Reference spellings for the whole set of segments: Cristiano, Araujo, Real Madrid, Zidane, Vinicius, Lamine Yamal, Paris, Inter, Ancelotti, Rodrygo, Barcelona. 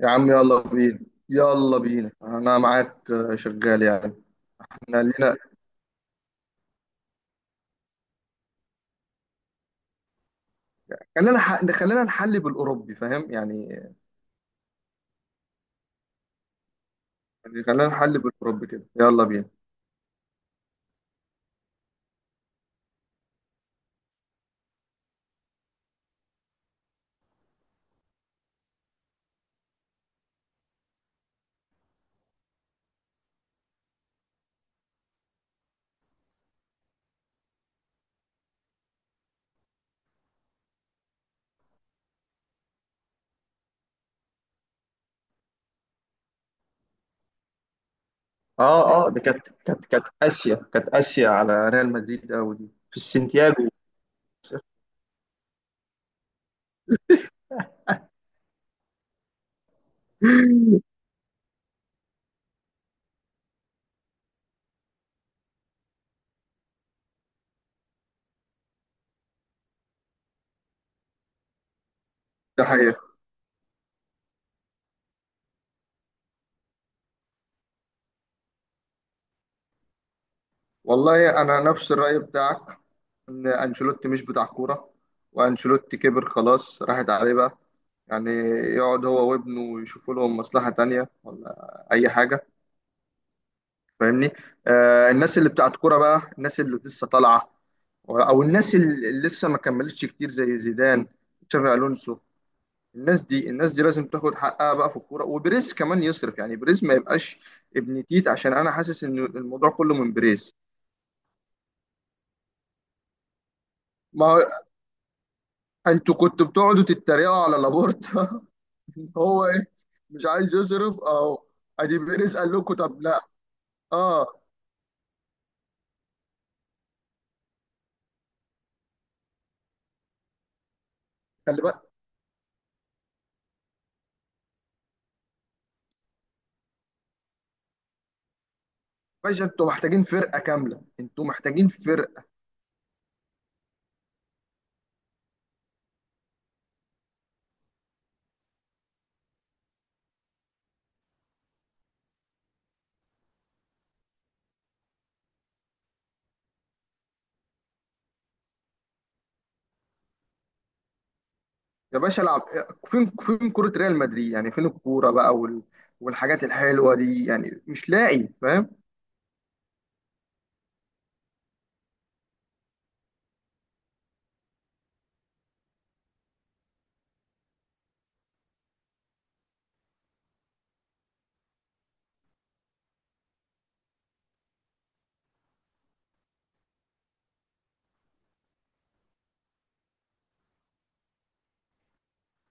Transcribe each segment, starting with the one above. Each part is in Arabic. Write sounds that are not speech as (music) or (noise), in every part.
يا عم، يلا بينا. يلا بينا، انا معاك شغال يعني. احنا لينا. خلينا نحل بالاوروبي، فاهم يعني خلينا نحل بالاوروبي كده، يلا بينا. اه ده كانت اسيا على ريال مدريد قوي دي في السنتياجو. (laughs) ده حقيقة. والله انا نفس الرأي بتاعك، ان انشيلوتي مش بتاع كورة. وانشيلوتي كبر، خلاص راحت عليه بقى. يعني يقعد هو وابنه يشوفوا لهم مصلحة تانية ولا اي حاجة، فاهمني. آه، الناس اللي بتاعت كوره بقى، الناس اللي لسه طالعه، او الناس اللي لسه ما كملتش كتير، زي زيدان، تشافي الونسو. الناس دي لازم تاخد حقها بقى في الكوره. وبريز كمان يصرف، يعني بريز ما يبقاش ابن تيت، عشان انا حاسس ان الموضوع كله من بريز. ما هو انتوا كنتوا بتقعدوا تتريقوا على لابورتا. (laughs) إن هو ايه، مش عايز يصرف اهو، ادي بريز قال لكم، طب لا. اه، خلي بالك باشا، انتوا محتاجين فرقه كامله، انتوا محتاجين فرقه. يا باشا العب، فين كرة ريال مدريد، يعني فين الكورة بقى؟ والحاجات الحلوة دي يعني مش لاقي، فاهم.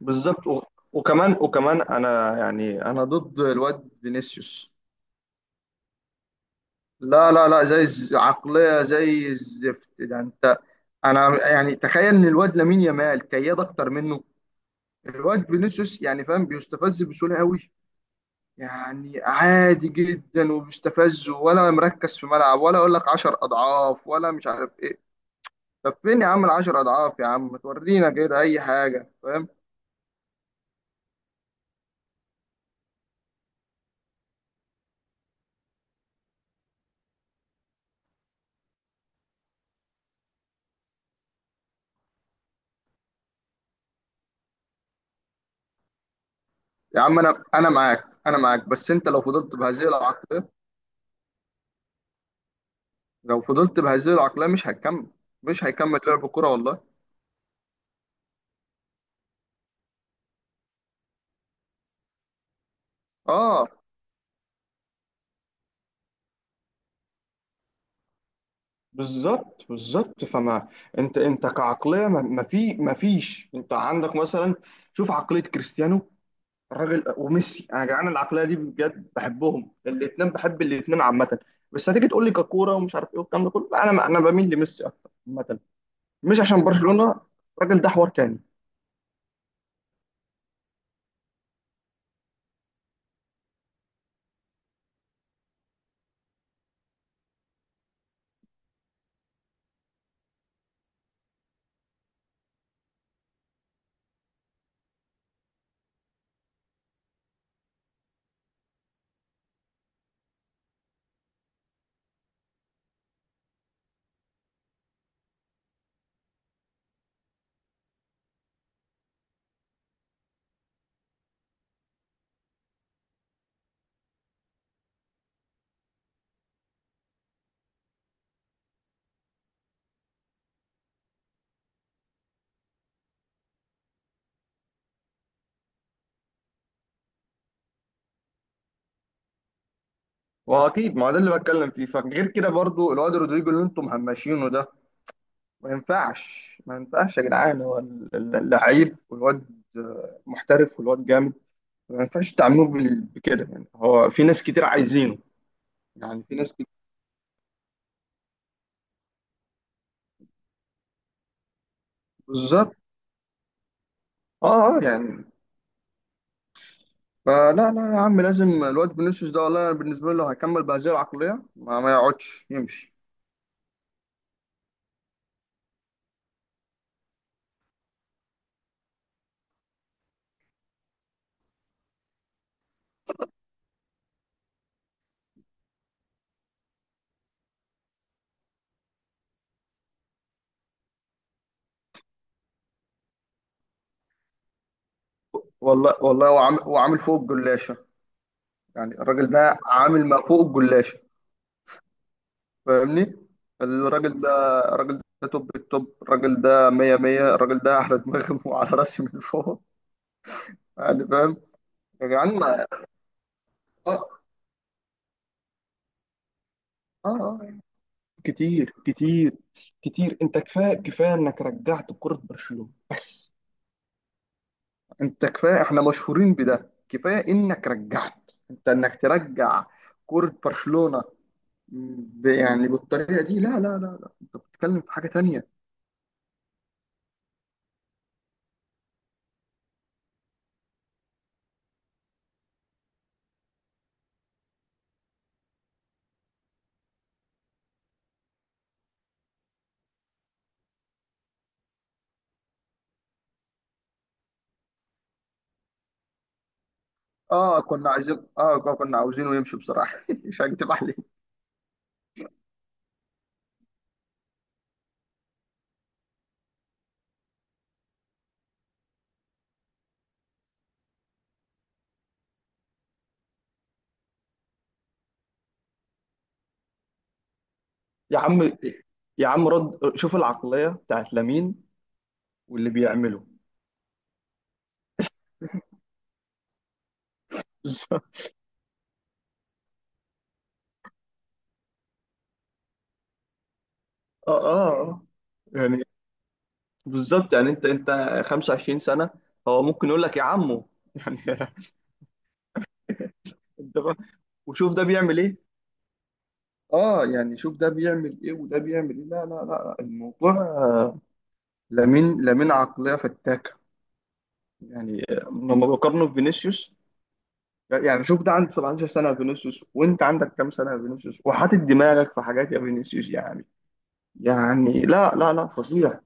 بالظبط. وكمان انا ضد الواد فينيسيوس. لا لا لا، زي عقلية زي الزفت ده، انت. انا يعني تخيل ان الواد لامين يامال كياد اكتر منه. الواد فينيسيوس يعني فاهم، بيستفز بسهولة قوي. يعني عادي جدا، وبيستفز ولا مركز في ملعب، ولا اقول لك 10 اضعاف، ولا مش عارف ايه. طب فين يا عم العشر اضعاف؟ يا عم ما تورينا كده اي حاجه، فاهم. يا عم، انا معاك، بس انت لو فضلت بهذه العقليه، مش هتكمل، مش هيكمل لعب كرة، والله. اه، بالظبط بالظبط فما. انت كعقليه، ما فيش، انت عندك مثلا، شوف عقليه كريستيانو الراجل، وميسي. انا جعان العقليه دي بجد، بحب الاثنين عامه. بس هتيجي تقول لي ككوره ومش عارف ايه والكلام ده كله، لا، انا بميل لميسي اكتر عامه. مش عشان برشلونة، الراجل ده حوار تاني. واكيد ما هو ده اللي بتكلم فيه. فغير كده برضو الواد رودريجو اللي انتم مهمشينه ده، ما ينفعش يا جدعان. هو اللعيب، والواد محترف والواد جامد. ما ينفعش تعاملوه بكده يعني، هو في ناس كتير عايزينه، يعني في ناس كتير. بالظبط. اه يعني، فلا لا يا عم، لازم الواد فينيسيوس ده، والله أنا بالنسبه له هيكمل بهذه العقليه، ما يقعدش يمشي. والله والله، وعامل فوق الجلاشه. يعني الراجل ده عامل ما فوق الجلاشه، فاهمني. الراجل ده الراجل ده توب التوب، الراجل ده مية مية، الراجل ده على دماغي (laughs) وعلى راسي من فوق، يعني فاهم. يا جدعان اه اه آه. كتير كتير كتير. انت كفايه كفايه انك رجعت كرة برشلونة. بس انت كفايه، احنا مشهورين بده. كفايه انك رجعت، انت انك ترجع كرة برشلونة، يعني بالطريقه دي، لا لا لا لا، انت بتتكلم في حاجه تانية. اه، كنا عايزين اه كنا عاوزينه يمشي بصراحه. (laughs) مش هكتب عليك. يا عم يا عم رد، شوف العقلية بتاعت لامين واللي بيعمله، بالظبط. (laughs) اه اه آه. يعني بالظبط، يعني انت 25 سنة. هو ممكن يقول لك يا عمو، يعني. (laughs) انت بقى، وشوف ده بيعمل ايه. اه يعني شوف ده بيعمل ايه وده بيعمل ايه. لا لا لا، الموضوع لامين عقلية فتاكة. يعني لما بقارنه بفينيسيوس، يعني شوف ده عنده 17 سنة يا فينيسيوس، وانت عندك كام سنة يا فينيسيوس، وحاطط دماغك في حاجات يا فينيسيوس، يعني، يعني لا لا لا فظيع.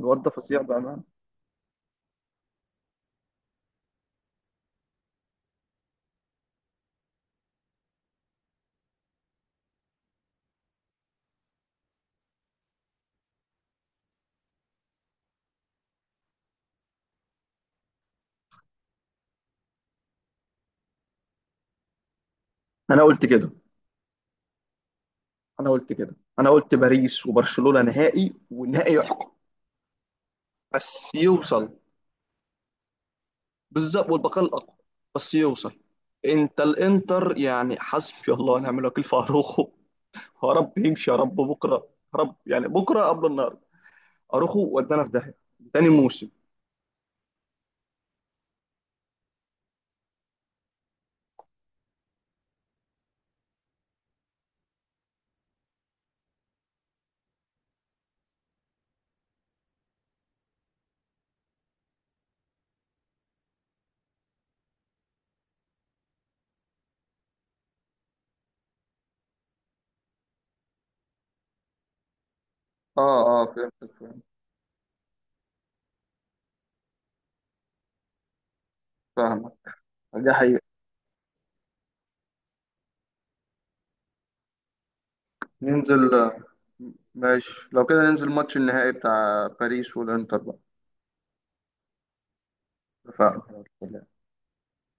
الواد ده فظيع بأمانة. أنا قلت كده أنا قلت باريس وبرشلونة نهائي، والنهائي يحكم. بس يوصل. بالظبط، والبقاء الأقوى. بس يوصل. أنت الإنتر، يعني حسبي الله ونعم الوكيل في أروخو. يا رب يمشي، يا رب بكرة، يا رب يعني بكرة قبل النهاردة، أروخو ودانا في داهية تاني موسم. اه فهمت فهمت، فاهمك. دي حقيقة. ننزل. ماشي، لو كده ننزل ماتش النهائي بتاع باريس والإنتر بقى، فاهم.